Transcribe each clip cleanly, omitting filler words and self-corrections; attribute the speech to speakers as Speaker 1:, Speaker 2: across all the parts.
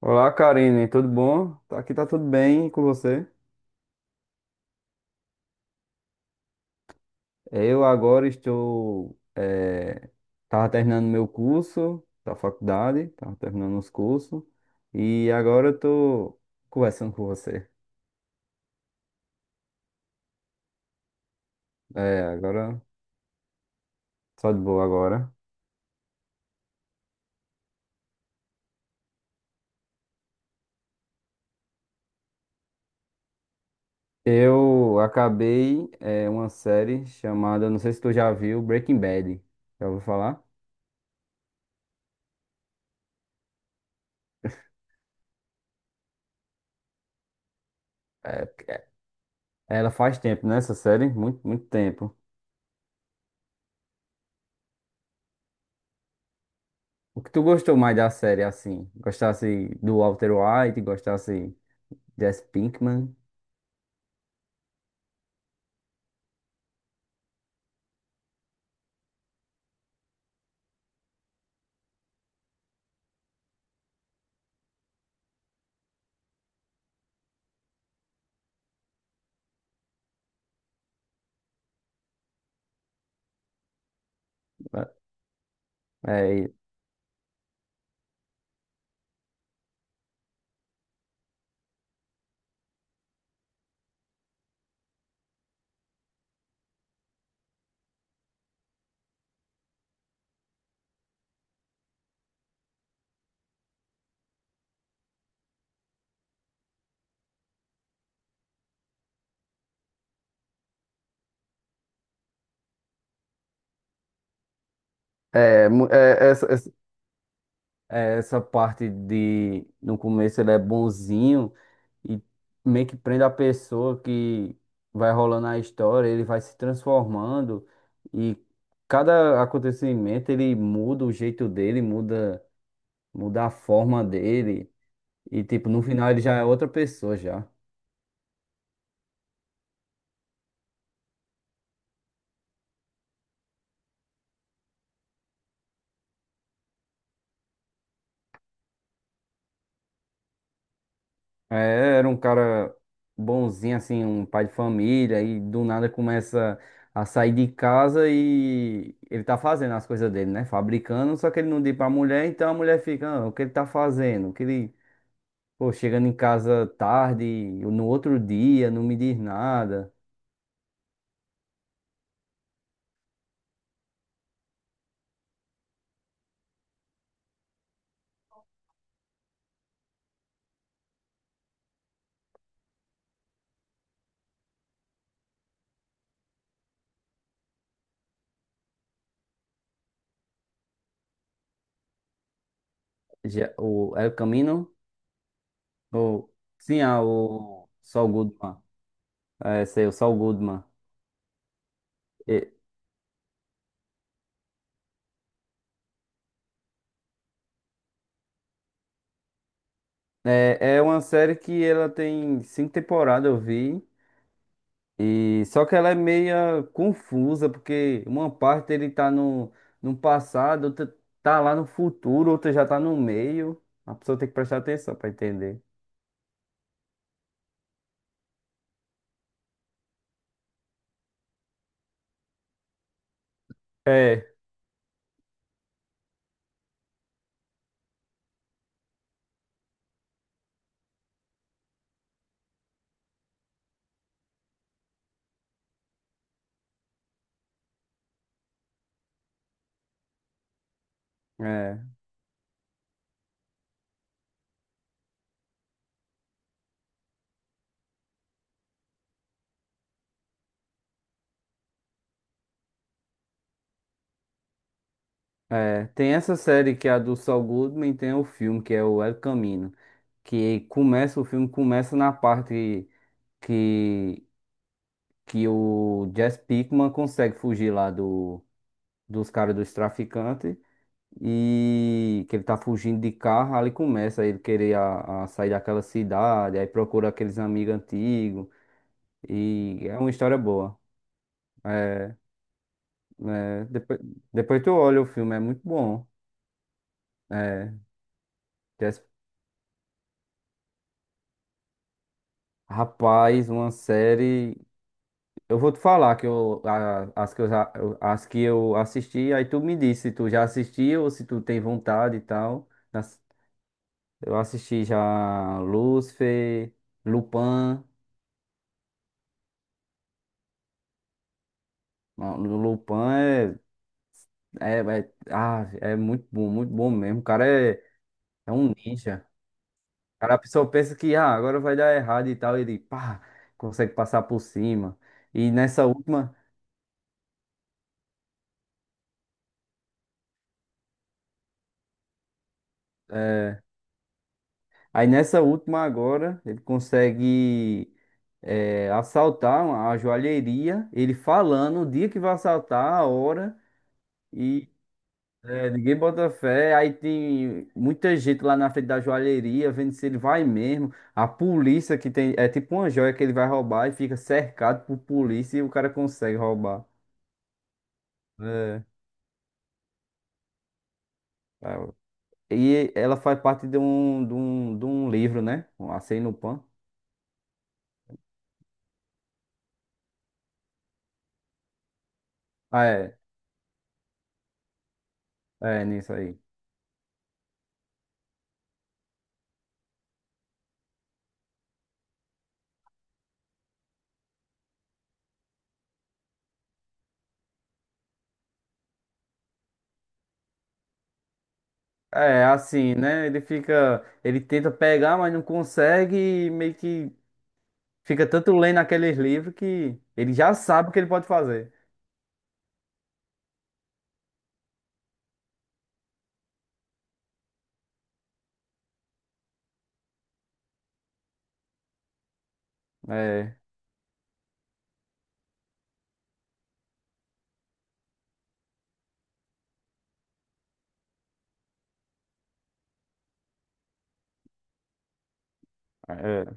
Speaker 1: Olá, Karine, tudo bom? Aqui tá tudo bem e com você? Eu agora tava terminando meu curso da faculdade, tava terminando os cursos, e agora eu tô conversando com você. É, agora, só de boa agora. Eu acabei uma série chamada, não sei se tu já viu, Breaking Bad. Já ouviu falar? É, ela faz tempo, né, essa série? Muito, muito tempo. O que tu gostou mais da série, assim? Gostasse do Walter White, gostasse Jesse Pinkman? É, é, mu- é, essa, essa essa parte de. No começo ele é bonzinho e meio que prende a pessoa que vai rolando a história, ele vai se transformando e cada acontecimento ele muda o jeito dele, muda a forma dele e, tipo, no final ele já é outra pessoa, já. É, era um cara bonzinho, assim, um pai de família, e do nada começa a sair de casa e ele tá fazendo as coisas dele, né? Fabricando, só que ele não diz pra mulher, então a mulher fica, "Ah, o que ele tá fazendo? O que ele, pô, chegando em casa tarde, no outro dia, não me diz nada." Já, o El Camino? Ou, sim, o Saul Goodman. É, sei, o Saul Goodman. E- é, uma série que ela tem cinco temporadas, eu vi. E só que ela é meia confusa, porque uma parte ele tá no passado, outra tá lá no futuro, outra já tá no meio. A pessoa tem que prestar atenção pra entender. É. É, é. Tem essa série que é a do Saul Goodman, tem o filme que é o El Camino, que começa, o filme começa na parte que, que o Jesse Pinkman consegue fugir lá do, dos caras dos traficantes. E que ele tá fugindo de carro, ali começa ele querer a sair daquela cidade, aí procura aqueles amigos antigos, e é uma história boa. É, é, depois tu olha o filme, é muito bom. É, Jess- rapaz, uma série. Eu vou te falar que eu, a- as que eu, já- eu- as que eu assisti, aí tu me diz se tu já assistiu ou se tu tem vontade e tal. Eu assisti já Lucifer, Lupin. Não, Lupin é. É muito bom mesmo. O cara é um ninja. O cara, a pessoa pensa que agora vai dar errado e tal. Ele, pá, consegue passar por cima. E nessa última, é, aí nessa última agora, ele consegue assaltar a joalheria. Ele falando o dia que vai assaltar, a hora. É, ninguém bota fé. Aí tem muita gente lá na frente da joalheria vendo se ele vai mesmo. A polícia que tem. É tipo uma joia que ele vai roubar e fica cercado por polícia e o cara consegue roubar. É. É. E ela faz parte de um livro, né? Um Acém no Pan. Ah, é. É, nisso aí. É, assim, né? Ele fica. Ele tenta pegar, mas não consegue. E meio que fica tanto lendo aqueles livros que ele já sabe o que ele pode fazer. É. É.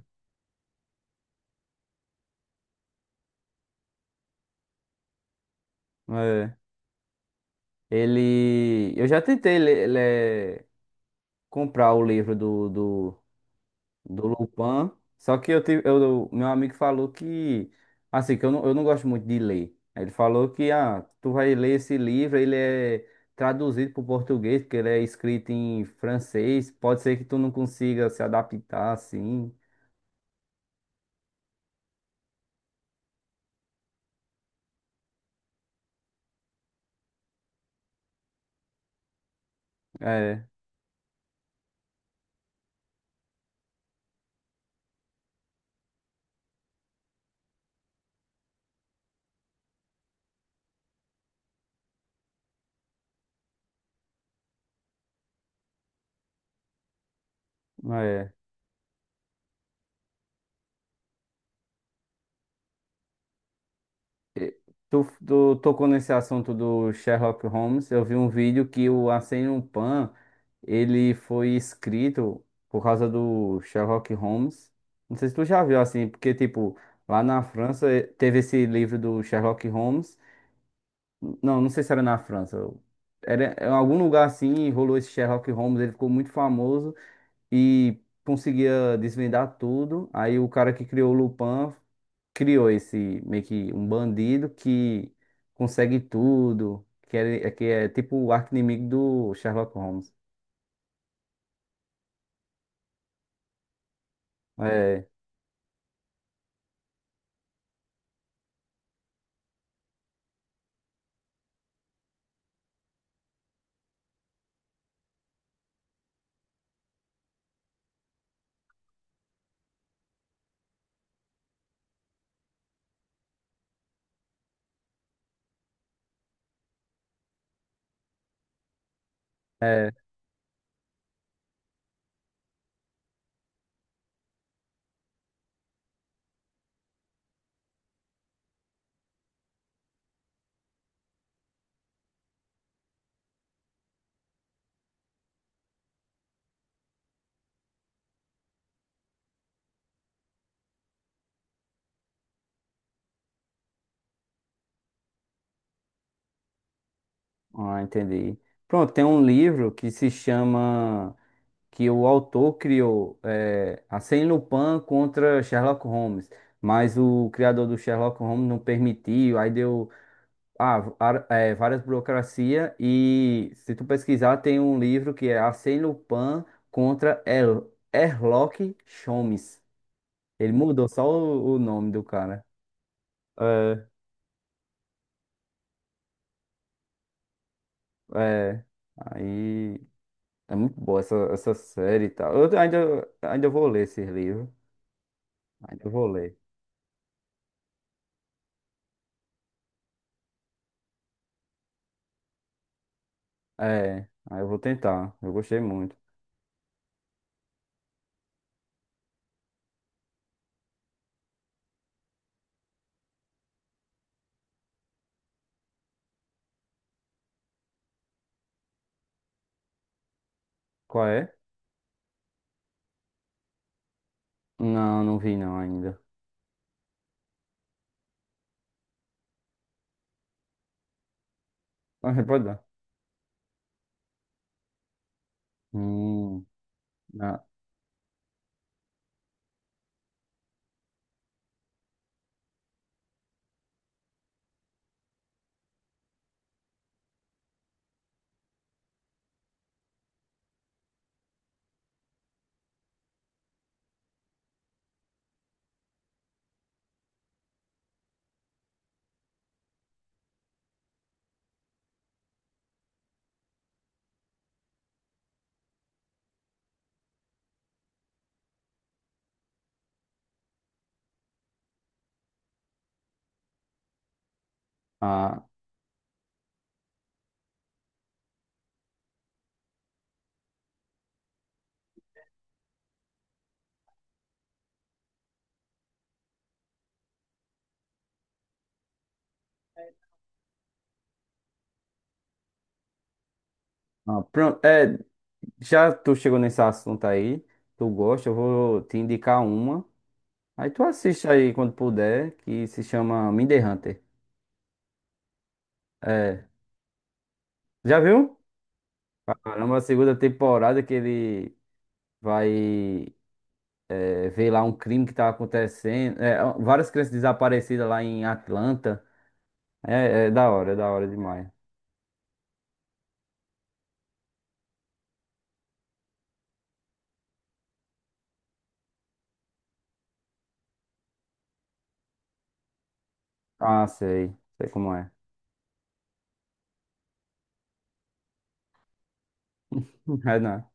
Speaker 1: É. Ele. Eu já tentei comprar o livro do Lupin, só que meu amigo falou que. Assim, que eu não gosto muito de ler. Ele falou que, tu vai ler esse livro, ele é traduzido para o português, porque ele é escrito em francês, pode ser que tu não consiga se adaptar assim. É, é. Tu tocou nesse assunto do Sherlock Holmes. Eu vi um vídeo que o Arsène Lupin ele foi escrito por causa do Sherlock Holmes. Não sei se tu já viu assim, porque tipo lá na França teve esse livro do Sherlock Holmes. Não, não sei se era na França. Era em algum lugar assim, rolou esse Sherlock Holmes. Ele ficou muito famoso e conseguia desvendar tudo. Aí o cara que criou o Lupin criou esse meio que um bandido que consegue tudo, que é tipo o arqui-inimigo do Sherlock Holmes. É, é, ah, entendi. Pronto, tem um livro que se chama que o autor criou Arsène Lupin contra Sherlock Holmes, mas o criador do Sherlock Holmes não permitiu, aí deu. Várias burocracias e se tu pesquisar tem um livro que é Arsène Lupin contra Herlock Sholmes. Ele mudou só o nome do cara. É, é. Aí é muito boa essa série e tal. Eu ainda vou ler esse livro. Ainda vou ler. É, aí eu vou tentar. Eu gostei muito. Qual é? Não, não vi não ainda. Ah, pode dar. Hum, ah, ah, ah, pronto. É, já tu chegou nesse assunto aí, tu gosta, eu vou te indicar uma. Aí tu assiste aí quando puder, que se chama Mindy Hunter. É, já viu? Caramba, a segunda temporada que ele vai ver lá um crime que tá acontecendo. É, várias crianças desaparecidas lá em Atlanta. É, é da hora demais. Ah, sei, sei como é. É, não.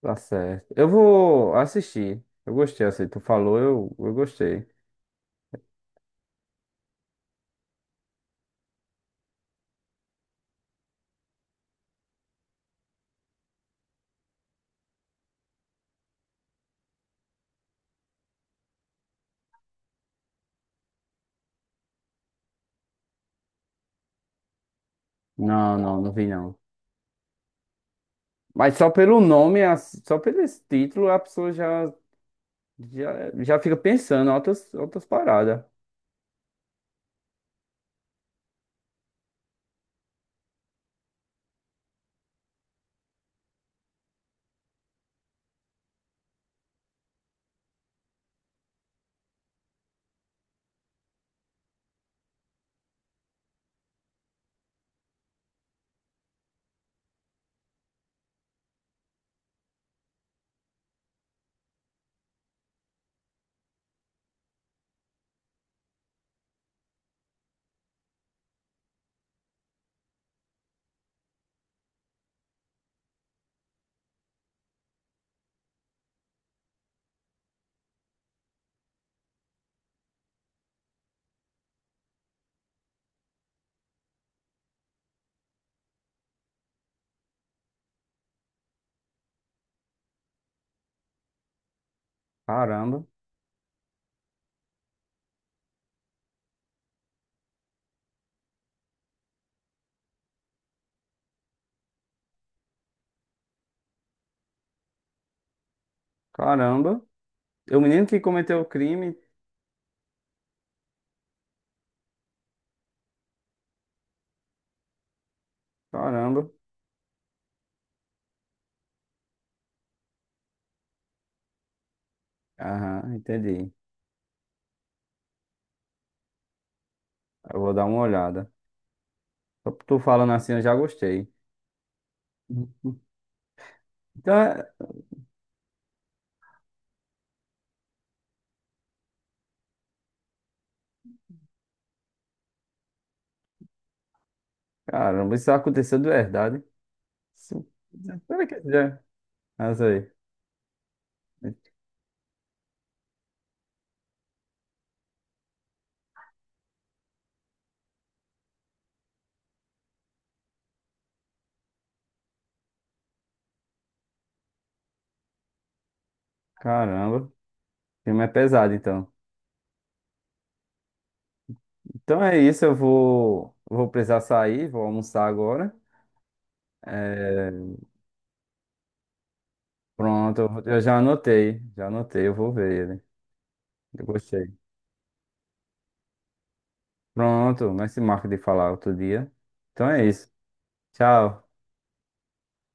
Speaker 1: Tá certo. Eu vou assistir. Eu gostei, assim, tu falou, eu gostei. Não, não, não vi não. Mas só pelo nome, só pelo esse título, a pessoa já, já, já fica pensando em outras paradas. Caramba, caramba. E o menino que cometeu o crime, caramba. Aham, entendi. Eu vou dar uma olhada. Só por tu falando assim, eu já gostei. Então. Caramba, isso aconteceu de verdade. Isso- Peraí que já. Mas aí. Caramba, o filme é pesado, então. Então é isso, eu vou precisar sair, vou almoçar agora. É, pronto, eu já anotei, eu vou ver ele. Eu gostei. Pronto, mas se marca de falar outro dia. Então é isso. Tchau.